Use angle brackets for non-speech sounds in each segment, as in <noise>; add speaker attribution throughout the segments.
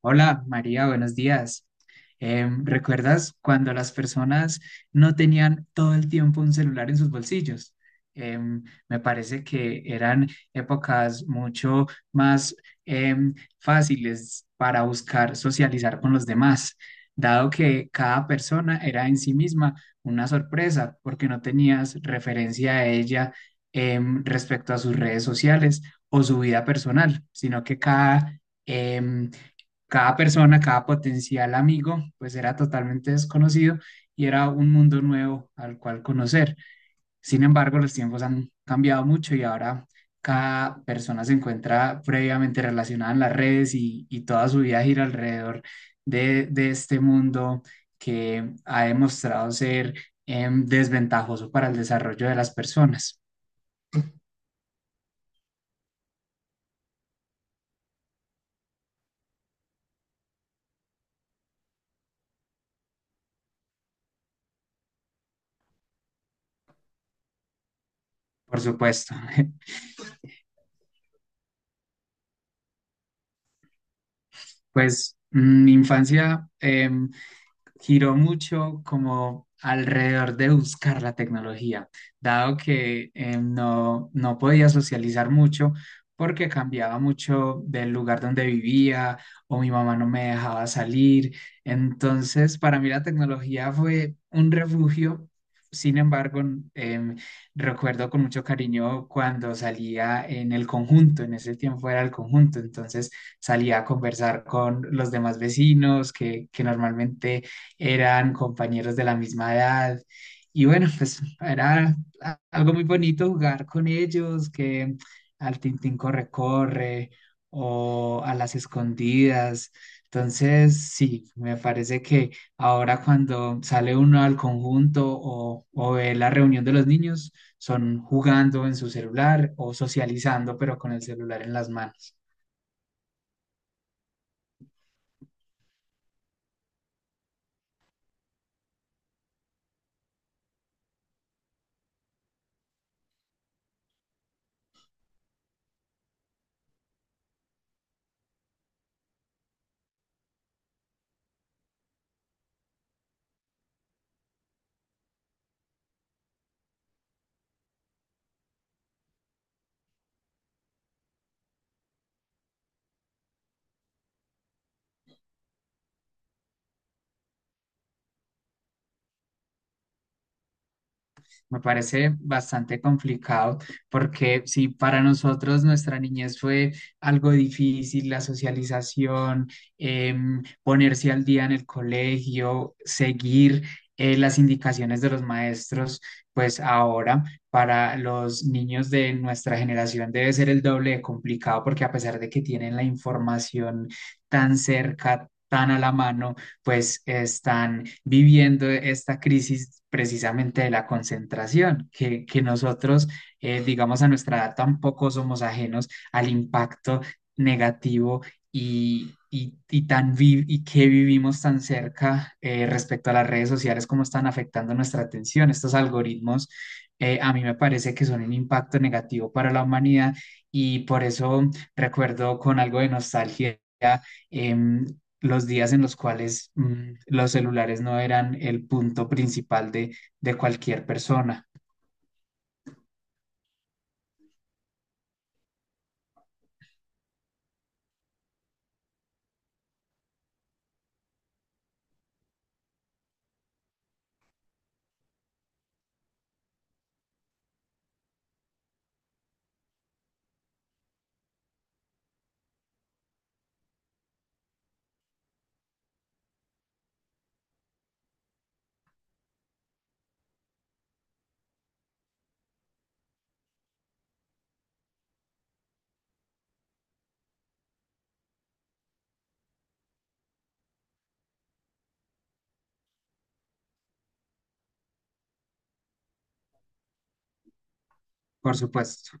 Speaker 1: Hola María, buenos días. ¿Recuerdas cuando las personas no tenían todo el tiempo un celular en sus bolsillos? Em, Me parece que eran épocas mucho más em, fáciles para buscar socializar con los demás, dado que cada persona era en sí misma una sorpresa porque no tenías referencia a ella, respecto a sus redes sociales o su vida personal, sino que em, cada persona, cada potencial amigo, pues era totalmente desconocido y era un mundo nuevo al cual conocer. Sin embargo, los tiempos han cambiado mucho y ahora cada persona se encuentra previamente relacionada en las redes y toda su vida gira alrededor de este mundo que ha demostrado ser desventajoso para el desarrollo de las personas, por supuesto. <laughs> Pues mm, mi infancia, giró mucho como alrededor de buscar la tecnología, dado que no podía socializar mucho porque cambiaba mucho del lugar donde vivía o mi mamá no me dejaba salir. Entonces, para mí la tecnología fue un refugio. Sin embargo, em, recuerdo con mucho cariño cuando salía en el conjunto, en ese tiempo era el conjunto, entonces salía a conversar con los demás vecinos que normalmente eran compañeros de la misma edad. Y bueno, pues era algo muy bonito jugar con ellos, que al Tintín corre, corre o a las escondidas. Entonces, sí, me parece que ahora cuando sale uno al conjunto o ve la reunión de los niños, son jugando en su celular o socializando, pero con el celular en las manos. Me parece bastante complicado porque si para nosotros nuestra niñez fue algo difícil, la socialización, ponerse al día en el colegio, seguir las indicaciones de los maestros, pues ahora para los niños de nuestra generación debe ser el doble de complicado porque a pesar de que tienen la información tan cerca, tan a la mano, pues están viviendo esta crisis precisamente de la concentración, que nosotros, digamos, a nuestra edad tampoco somos ajenos al impacto negativo y que vivimos tan cerca respecto a las redes sociales, cómo están afectando nuestra atención. Estos algoritmos, a mí me parece que son un impacto negativo para la humanidad y por eso recuerdo con algo de nostalgia. em, los días en los cuales los celulares no eran el punto principal de cualquier persona, por supuesto.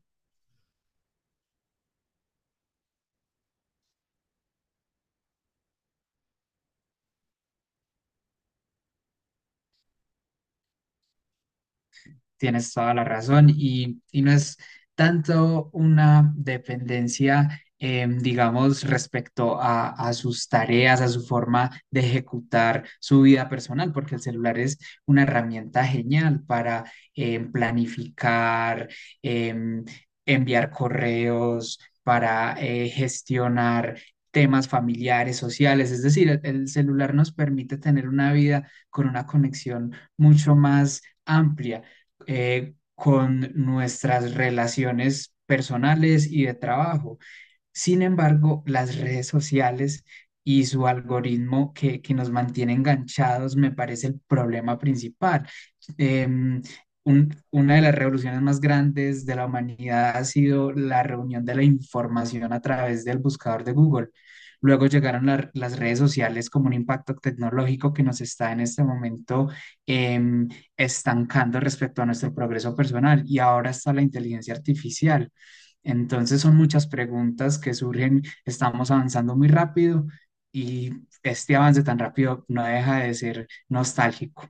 Speaker 1: Tienes toda la razón y no es tanto una dependencia, digamos, respecto a sus tareas, a su forma de ejecutar su vida personal, porque el celular es una herramienta genial para planificar, em, enviar correos, para gestionar temas familiares, sociales, es decir, el celular nos permite tener una vida con una conexión mucho más amplia, con nuestras relaciones personales y de trabajo. Sin embargo, las redes sociales y su algoritmo que nos mantiene enganchados me parece el problema principal. Em, una de las revoluciones más grandes de la humanidad ha sido la reunión de la información a través del buscador de Google. Luego llegaron las redes sociales como un impacto tecnológico que nos está en este momento em, estancando respecto a nuestro progreso personal. Y ahora está la inteligencia artificial, entonces son muchas preguntas que surgen, estamos avanzando muy rápido y este avance tan rápido no deja de ser nostálgico.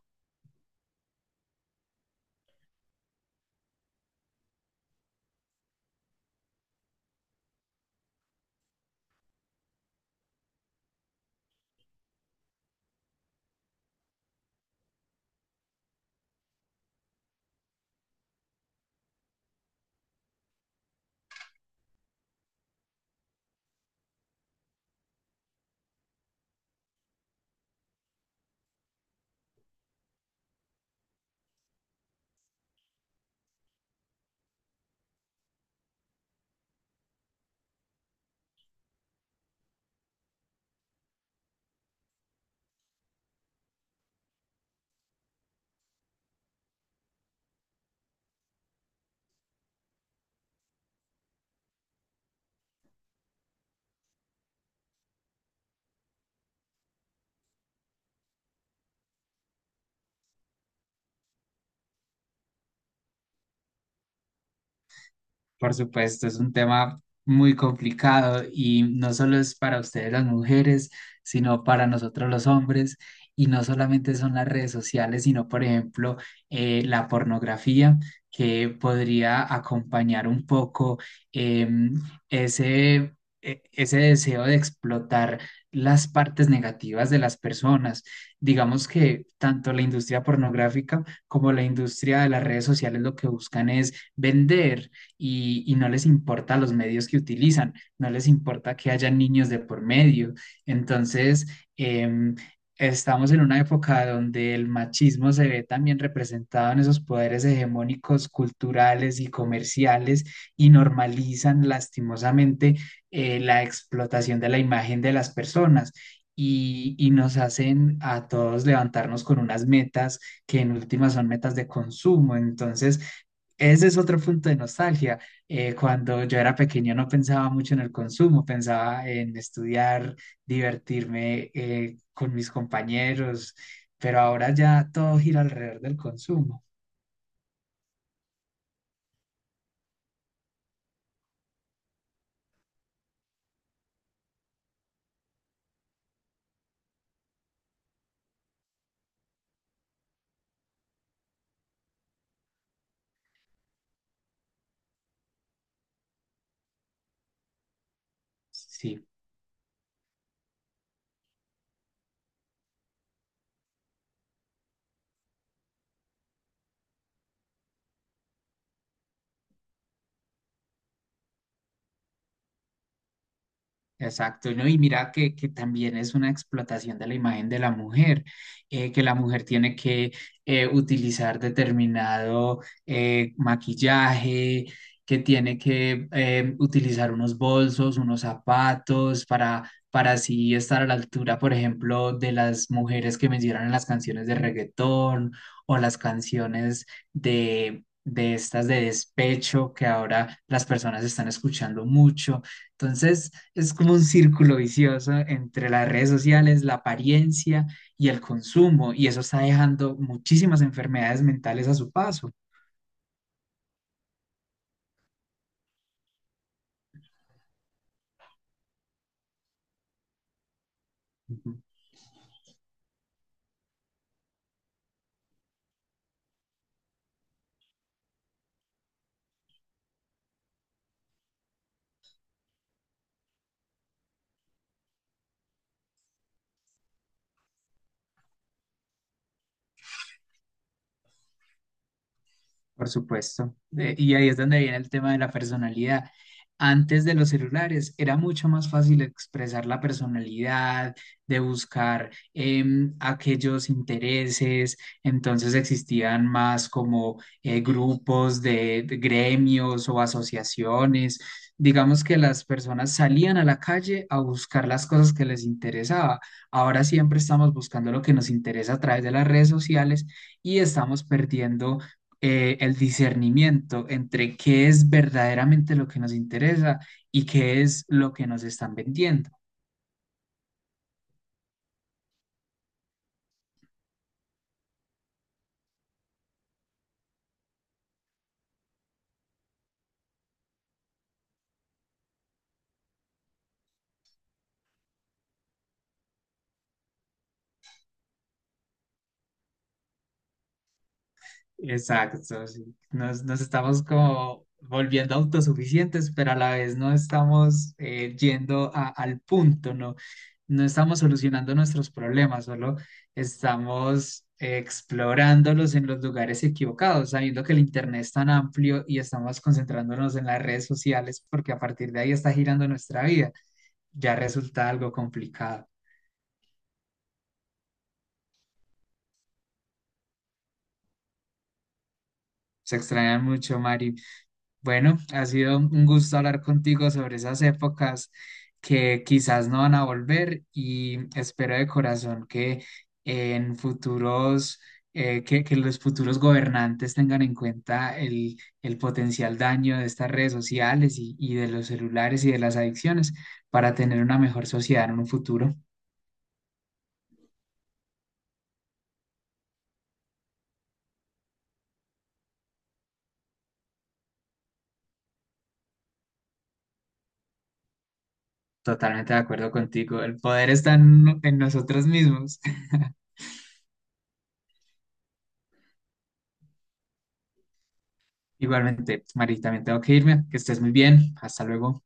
Speaker 1: Por supuesto, es un tema muy complicado y no solo es para ustedes las mujeres, sino para nosotros los hombres. Y no solamente son las redes sociales, sino, por ejemplo, la pornografía, que podría acompañar un poco, em, ese, ese deseo de explotar las partes negativas de las personas. Digamos que tanto la industria pornográfica como la industria de las redes sociales lo que buscan es vender y no les importa los medios que utilizan, no les importa que haya niños de por medio. Entonces, em, estamos en una época donde el machismo se ve también representado en esos poderes hegemónicos culturales y comerciales y normalizan lastimosamente la explotación de la imagen de las personas. Y nos hacen a todos levantarnos con unas metas que en últimas son metas de consumo. Entonces, ese es otro punto de nostalgia. Cuando yo era pequeño no pensaba mucho en el consumo, pensaba en estudiar, divertirme, con mis compañeros, pero ahora ya todo gira alrededor del consumo. Sí. Exacto, ¿no? Y mira que también es una explotación de la imagen de la mujer, que la mujer tiene que utilizar determinado maquillaje, que tiene que utilizar unos bolsos, unos zapatos para así estar a la altura, por ejemplo, de las mujeres que mencionan en las canciones de reggaetón o las canciones de estas de despecho que ahora las personas están escuchando mucho. Entonces, es como un círculo vicioso entre las redes sociales, la apariencia y el consumo, y eso está dejando muchísimas enfermedades mentales a su paso. Por supuesto. Y ahí es donde viene el tema de la personalidad. Antes de los celulares era mucho más fácil expresar la personalidad, de buscar aquellos intereses. Entonces existían más como grupos de gremios o asociaciones. Digamos que las personas salían a la calle a buscar las cosas que les interesaba. Ahora siempre estamos buscando lo que nos interesa a través de las redes sociales y estamos perdiendo el discernimiento entre qué es verdaderamente lo que nos interesa y qué es lo que nos están vendiendo. Exacto, sí. Nos estamos como volviendo autosuficientes, pero a la vez no estamos yendo al punto, ¿no? No estamos solucionando nuestros problemas, solo estamos, explorándolos en los lugares equivocados, sabiendo que el Internet es tan amplio y estamos concentrándonos en las redes sociales porque a partir de ahí está girando nuestra vida, ya resulta algo complicado. Se extrañan mucho, Mari. Bueno, ha sido un gusto hablar contigo sobre esas épocas que quizás no van a volver y espero de corazón que en futuros, que los futuros gobernantes tengan en cuenta el potencial daño de estas redes sociales y de los celulares y de las adicciones para tener una mejor sociedad en un futuro. Totalmente de acuerdo contigo. El poder está en nosotros mismos. Igualmente, Mari, también tengo que irme. Que estés muy bien. Hasta luego.